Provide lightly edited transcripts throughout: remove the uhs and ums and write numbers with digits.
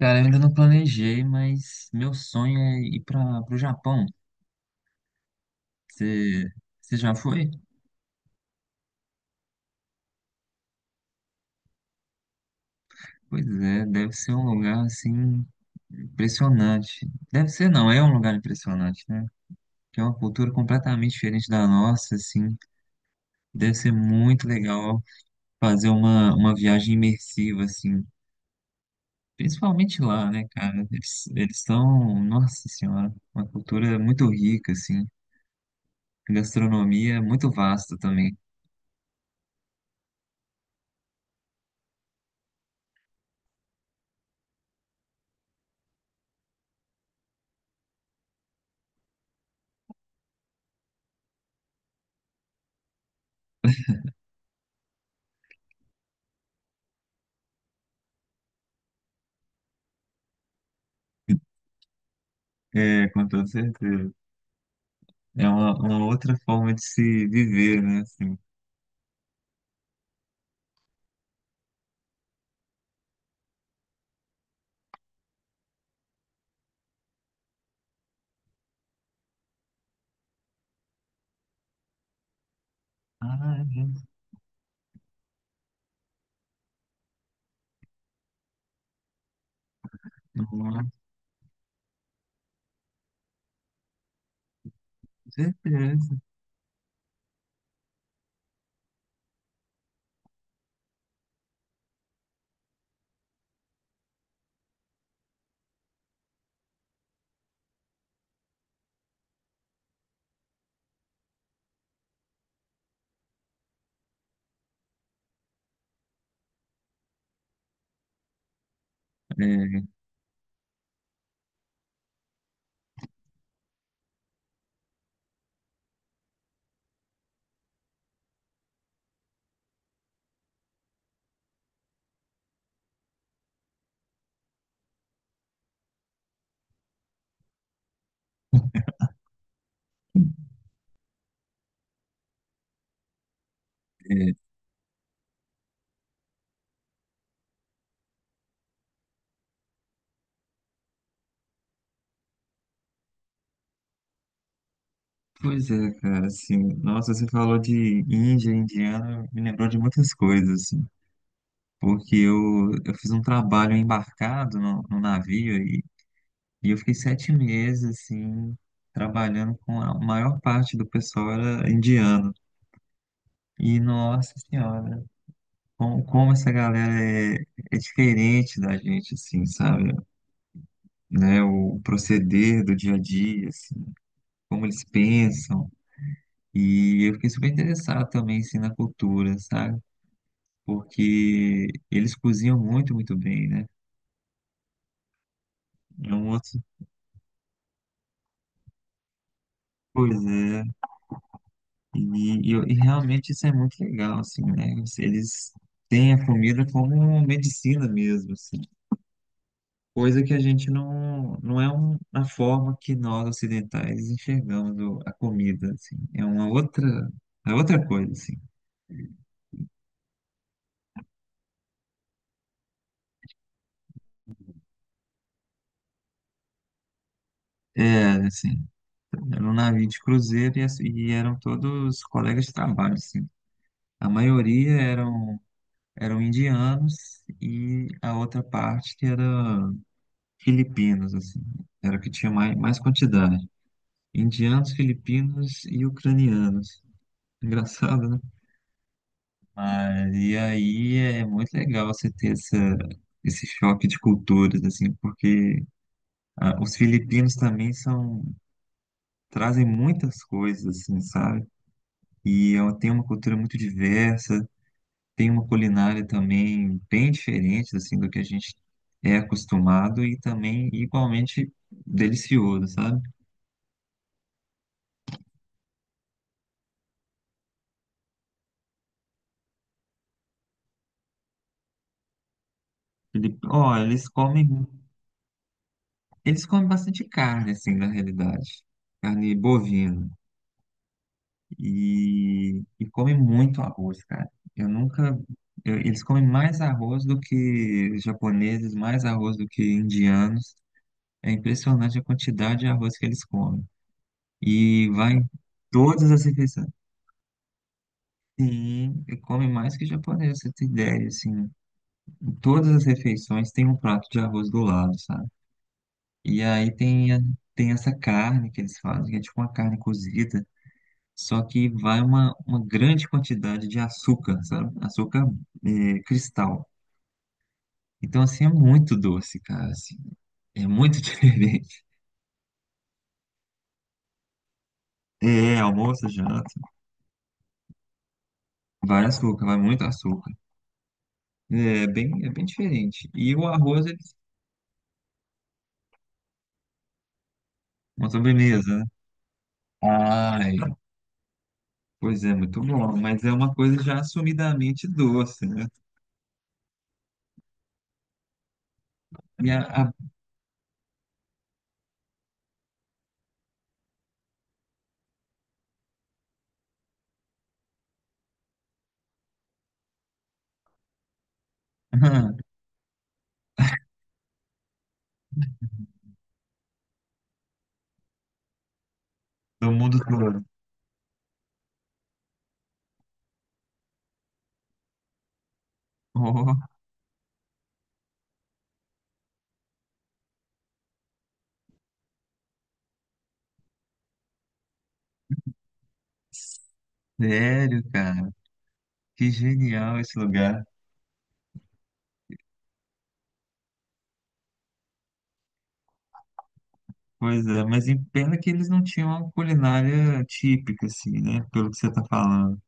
Cara, eu ainda não planejei, mas meu sonho é ir para o Japão. Você você já foi? Pois é, deve ser um lugar assim impressionante. Deve ser, não, é um lugar impressionante, né? Que é uma cultura completamente diferente da nossa, assim. Deve ser muito legal fazer uma viagem imersiva, assim. Principalmente lá, né, cara? Eles são, nossa senhora, uma cultura muito rica, assim. Gastronomia muito vasta também. É, com toda certeza. É uma outra forma de se viver, né? Assim. Ah, é. Nossa, com certeza. É, é. Pois é, cara, assim, nossa, você falou de Índia, indiana, me lembrou de muitas coisas, assim, porque eu fiz um trabalho embarcado no navio e eu fiquei 7 meses, assim, trabalhando com a maior parte do pessoal era indiano. E, nossa senhora, como essa galera é diferente da gente, assim, sabe? Né, o proceder do dia a dia, assim, como eles pensam. E eu fiquei super interessado também, assim, na cultura, sabe? Porque eles cozinham muito, muito bem, né? É um outro. Pois é. E realmente isso é muito legal, assim, né? Eles têm a comida como medicina mesmo, assim. Coisa que a gente não. Não é um, uma forma que nós ocidentais enxergamos o- a comida, assim. É uma outra. É outra coisa, assim. É, assim. Era um navio de cruzeiro e, as- e eram todos colegas de trabalho, assim. A maioria eram, eram indianos e a outra parte que era filipinos, assim. Era o que tinha mais, quantidade. Indianos, filipinos e ucranianos. Engraçado, né? Mas, e aí é muito legal você ter esse choque de culturas, assim, porque ah, os filipinos também são, trazem muitas coisas, assim, sabe? E é uma- tem uma cultura muito diversa, tem uma culinária também bem diferente assim do que a gente é acostumado e também igualmente delicioso, sabe? Ele, ó, eles comem bastante carne assim na realidade, carne bovina e comem muito arroz, cara. Eu nunca eu- Eles comem mais arroz do que japoneses, mais arroz do que indianos. É impressionante a quantidade de arroz que eles comem. E vai em todas as refeições. Sim, e come mais que japonês, você tem ideia, assim, em todas as refeições tem um prato de arroz do lado, sabe? E aí tem, a- tem essa carne que eles fazem, que é tipo uma carne cozida, só que vai uma grande quantidade de açúcar, sabe? Açúcar é, cristal. Então, assim, é muito doce, cara, assim, é muito diferente. É, almoço, janta, vai açúcar, vai muito açúcar. É bem diferente. E o arroz, ele, uma sobremesa, né? Ai, pois é, muito bom, mas é uma coisa já assumidamente doce, né? E a, a- do mundo todo. Oh, sério, cara, que genial esse lugar. Pois é, mas em pena que eles não tinham uma culinária típica, assim, né? Pelo que você tá falando.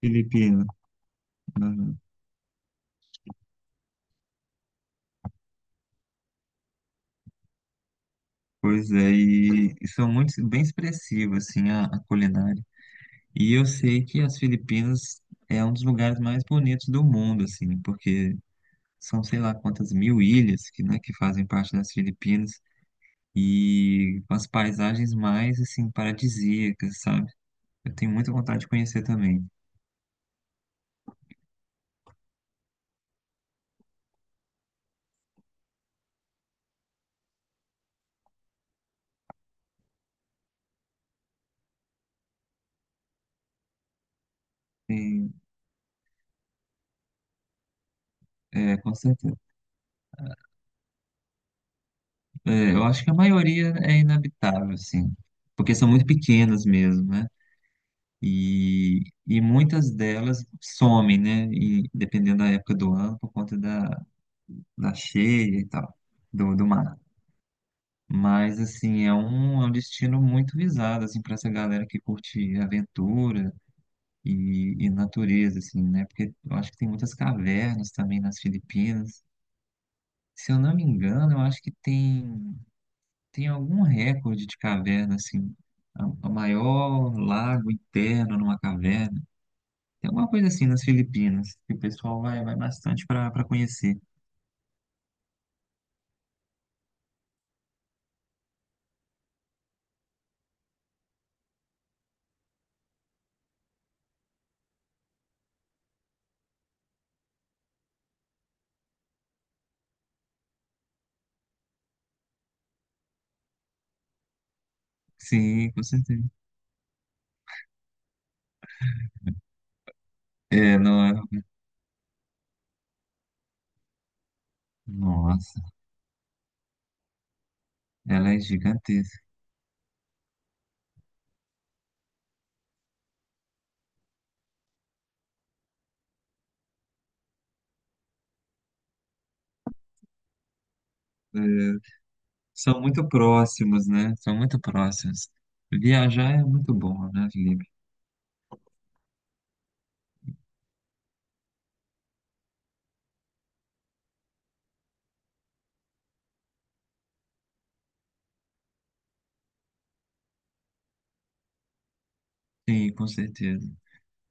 Filipina. Uhum. Pois é, e são muito, bem expressivas, assim, a culinária. E eu sei que as Filipinas é um dos lugares mais bonitos do mundo, assim, porque são sei lá quantas mil ilhas que, né, que fazem parte das Filipinas e com as paisagens mais assim paradisíacas, sabe? Eu tenho muita vontade de conhecer também. Tem- É, com certeza. É, eu acho que a maioria é inabitável, assim, porque são muito pequenas mesmo, né? E, e, muitas delas somem, né? E dependendo da época do ano, por conta da, da cheia e tal, do, do mar. Mas, assim, é um destino muito visado, assim, para essa galera que curte aventura e natureza, assim, né? Porque eu acho que tem muitas cavernas também nas Filipinas. Se eu não me engano, eu acho que tem algum recorde de caverna, assim, a maior lago interno numa caverna. Tem alguma coisa assim nas Filipinas, que o pessoal vai bastante para conhecer. Sim, com certeza. É, não é? Nossa, ela é gigantesca. São muito próximos, né? São muito próximos. Viajar é muito bom, né, Felipe? Sim, com certeza.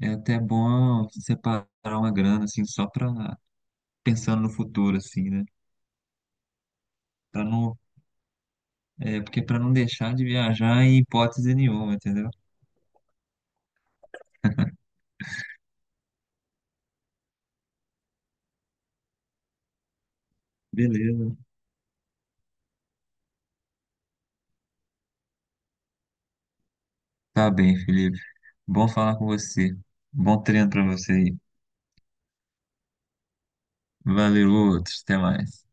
É até bom separar uma grana, assim, só para pensando no futuro, assim, né? Para não, é, porque para não deixar de viajar em hipótese nenhuma, entendeu? Beleza. Tá bem, Felipe. Bom falar com você. Bom treino para você aí. Valeu, outros. Até mais.